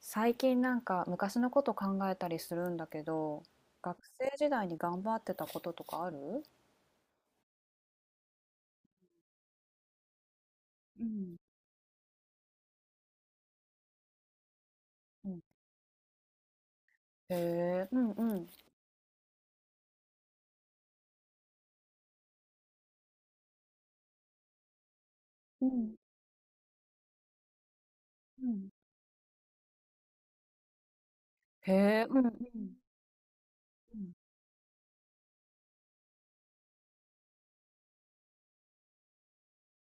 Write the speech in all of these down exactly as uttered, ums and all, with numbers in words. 最近なんか昔のこと考えたりするんだけど、学生時代に頑張ってたこととかある？うん。うん。へえ。うん。うん。うん。うん。へえ。うん。うん。うん。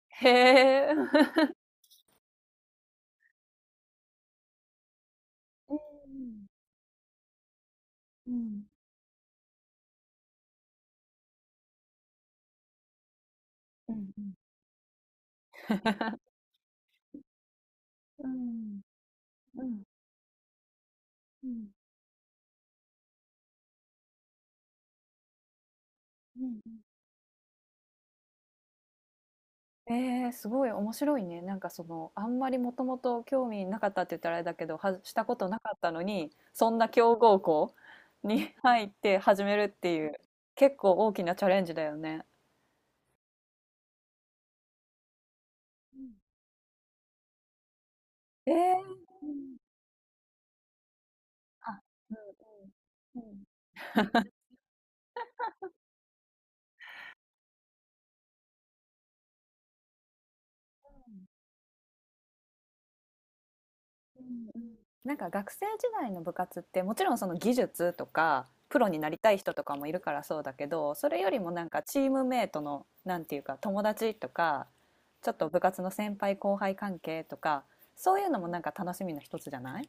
へえ。 うん。うん。うん。うん。うん。うん。うん。うん。うん。うん。ええ、すごい面白いね。なんかその、あんまりもともと興味なかったって言ったらあれだけど、はしたことなかったのに、そんな強豪校に 入って始めるっていう、結構大きなチャレンジだよね。うん。ええ。あ、うん。うん。うん。うん。うん、なんか学生時代の部活ってもちろんその技術とかプロになりたい人とかもいるからそうだけど、それよりもなんかチームメートのなんていうか友達とか、ちょっと部活の先輩後輩関係とか、そういうのもなんか楽しみの一つじゃない？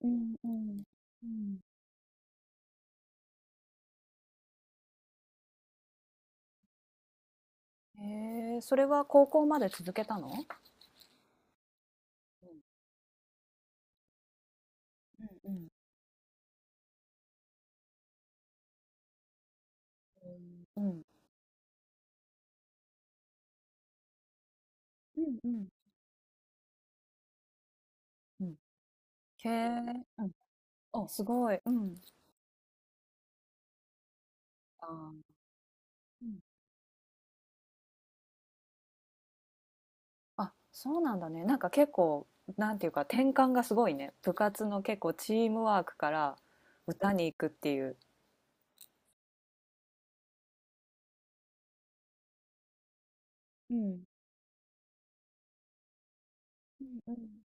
うん。うん。うん。へえ、それは高校まで続けたの？うん。うん。うん。うん。うん。へえ。うん。お、すごい。うん。あー、あ、そうなんだね。なんか結構、なんていうか転換がすごいね。部活の結構チームワークから歌に行くっていう。うん。うん。うん。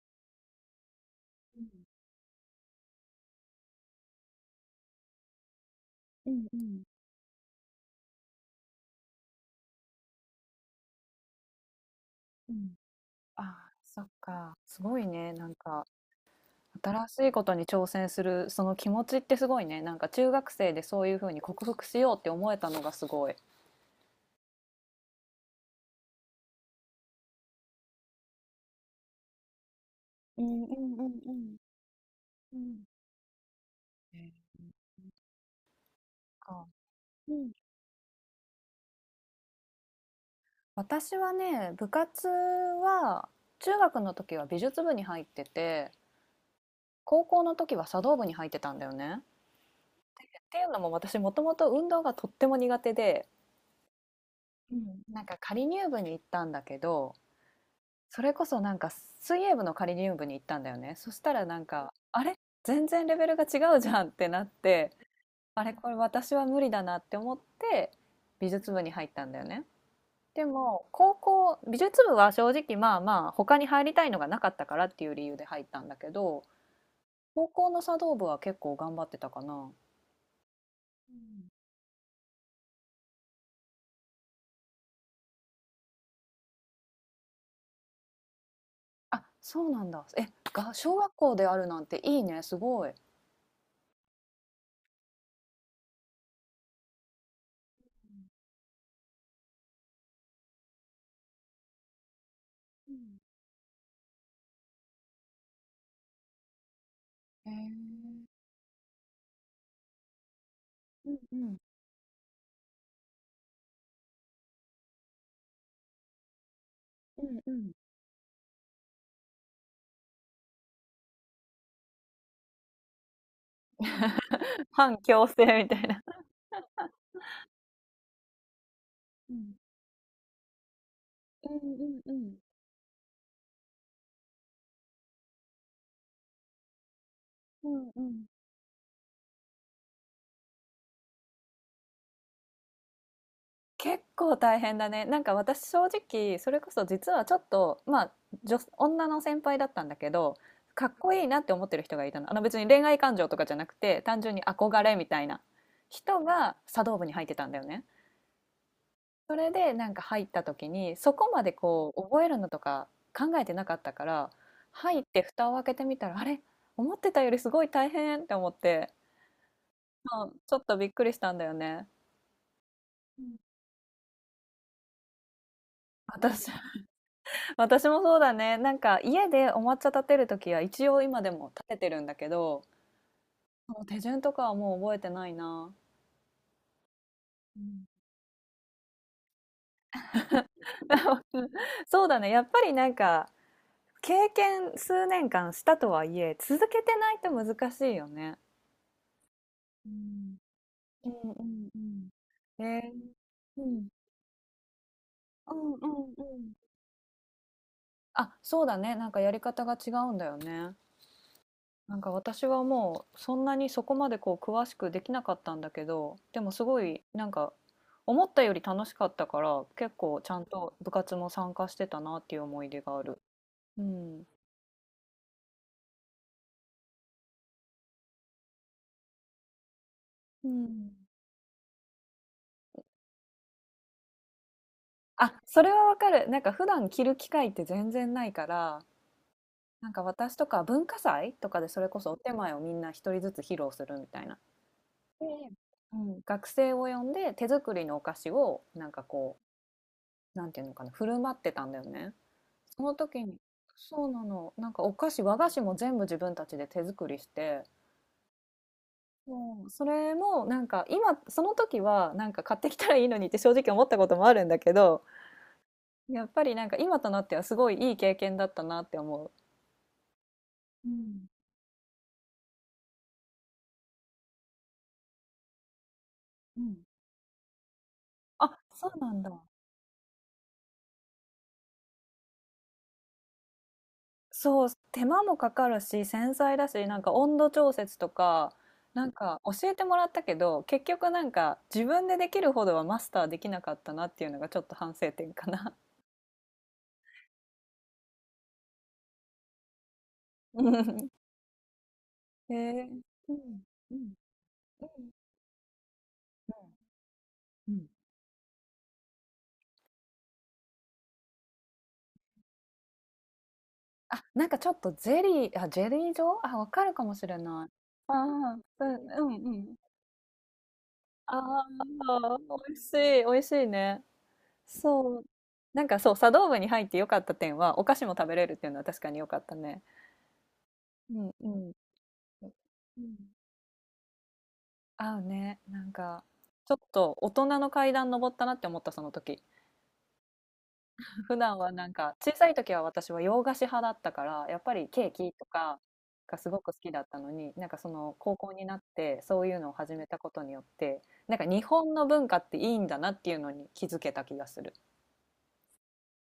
うん。うん。うん。あ、そっか。すごいね。なんか新しいことに挑戦するその気持ちってすごいね。なんか中学生でそういうふうに克服しようって思えたのがすごい。うん。うん。うん。うん。うん。えーそっか。私はね、部活は中学の時は美術部に入ってて、高校の時は茶道部に入ってたんだよね。っていうのも私もともと運動がとっても苦手で、うん、なんか仮入部に行ったんだけど、それこそなんか水泳部の仮入部に行ったんだよね。そしたらなんか、あれ全然レベルが違うじゃんってなって、あれ、これ私は無理だなって思って美術部に入ったんだよね。でも高校美術部は正直まあまあ他に入りたいのがなかったからっていう理由で入ったんだけど、高校の茶道部は結構頑張ってたかな。うん。あ、そうなんだ。え、が小学校であるなんていいね、すごい。へ。うん。へえ。うん。うん。うん。うん。 反強制みたいな。うん。うん。うん。うん。うん。結構大変だね。なんか私正直それこそ実はちょっとまあ、女、女の先輩だったんだけど、かっこいいなって思ってる人がいたの。あの別に恋愛感情とかじゃなくて単純に憧れみたいな人が茶道部に入ってたんだよね。それでなんか入った時にそこまでこう覚えるのとか考えてなかったから、入って蓋を開けてみたら、あれ、思ってたよりすごい大変って思って、うん、ちょっとびっくりしたんだよね。うん。私私もそうだね。なんか家でお抹茶立てるときは一応今でも立ててるんだけど、その手順とかはもう覚えてないな。うん。 そうだね。やっぱりなんか経験数年間したとはいえ、続けてないと難しいよね。うん。うん。うん。うん。えー、うん。うん。うん。うん。あ、そうだね。なんかやり方が違うんだよね。なんか私はもうそんなにそこまでこう詳しくできなかったんだけど、でもすごいなんか思ったより楽しかったから結構ちゃんと部活も参加してたなっていう思い出がある。うん。うん。あ、それはわかる。なんか普段着る機会って全然ないから、なんか私とか文化祭とかでそれこそお手前をみんな一人ずつ披露するみたいな。ええ。うん、学生を呼んで手作りのお菓子をなんかこう、なんていうのかな、振る舞ってたんだよね。その時に、そうなの。なんかお菓子、和菓子も全部自分たちで手作りして、もうそれもなんか今、その時はなんか買ってきたらいいのにって正直思ったこともあるんだけど、やっぱりなんか今となってはすごいいい経験だったなって思う。うん。うん。あ、そうなんだ。そう、手間もかかるし、繊細だし、なんか温度調節とか、なんか教えてもらったけど、結局なんか自分でできるほどはマスターできなかったなっていうのがちょっと反省点かな。へえ。うん。うん。うん。うん。うん。あ、なんかちょっとゼリー、あ、ジェリー状？あ、わかるかもしれない。ああ、うん、うん、うん。ああ、美味しい、美味しいね。そう。なんかそう、茶道部に入って良かった点は、お菓子も食べれるっていうのは確かに良かったね。うん。うん。うん。合うね。なんか、ちょっと大人の階段登ったなって思った、その時。普段はなんか、小さい時は私は洋菓子派だったから、やっぱりケーキとかがすごく好きだったのに、なんかその高校になってそういうのを始めたことによって、なんか日本の文化っていいんだなっていうのに気づけた気がする。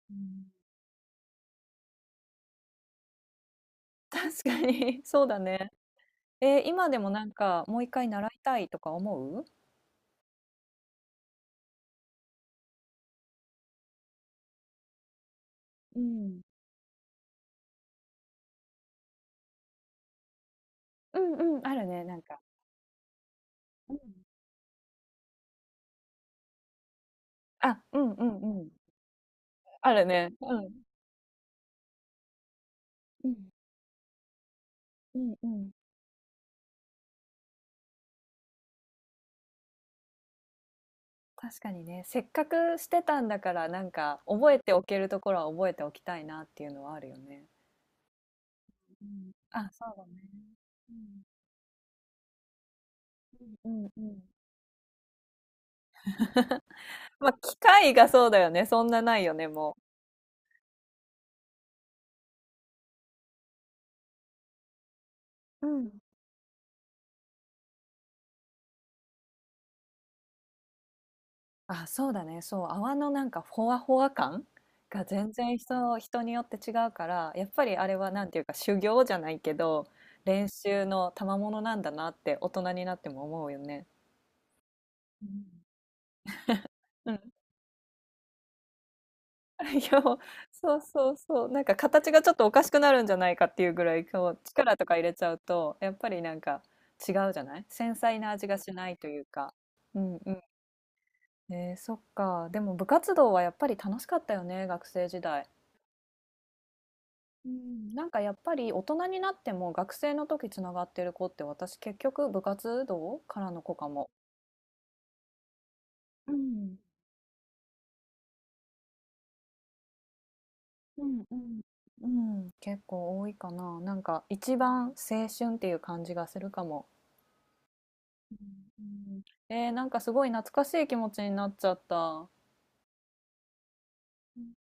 うん。確かに、 そうだね。えー、今でもなんかもう一回習いたいとか思う。うん。うん。うん、あるね、なんか。うん。あ、うん。うん。うん。あるね。うん。うん。うん。うん。確かにね、せっかくしてたんだから、なんか覚えておけるところは覚えておきたいなっていうのはあるよね。うん、あ、そうだね。うん。うん。うん。うん。まあ、機械がそうだよね。そんなないよね、もう。うん、あ、そうだね。そう、泡のなんかほわほわ感が全然、人、人によって違うから、やっぱりあれはなんていうか修行じゃないけど、練習の賜物なんだなって大人になっても思うよね。うん。 いや、そうそうそう。なんか形がちょっとおかしくなるんじゃないかっていうぐらい、こう力とか入れちゃうと、やっぱりなんか違うじゃない、繊細な味がしないというか。うん。うん。えー、そっか。でも部活動はやっぱり楽しかったよね、学生時代。うん、なんかやっぱり大人になっても学生の時つながってる子って私結局部活動からの子かも。うん、うん。うん。うん、結構多いかな。なんか一番青春っていう感じがするかも。うん。うん。えー、なんかすごい懐かしい気持ちになっちゃった。うん。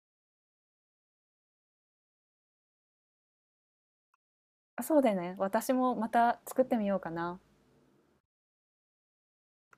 あ、そうだよね。私もまた作ってみようかな。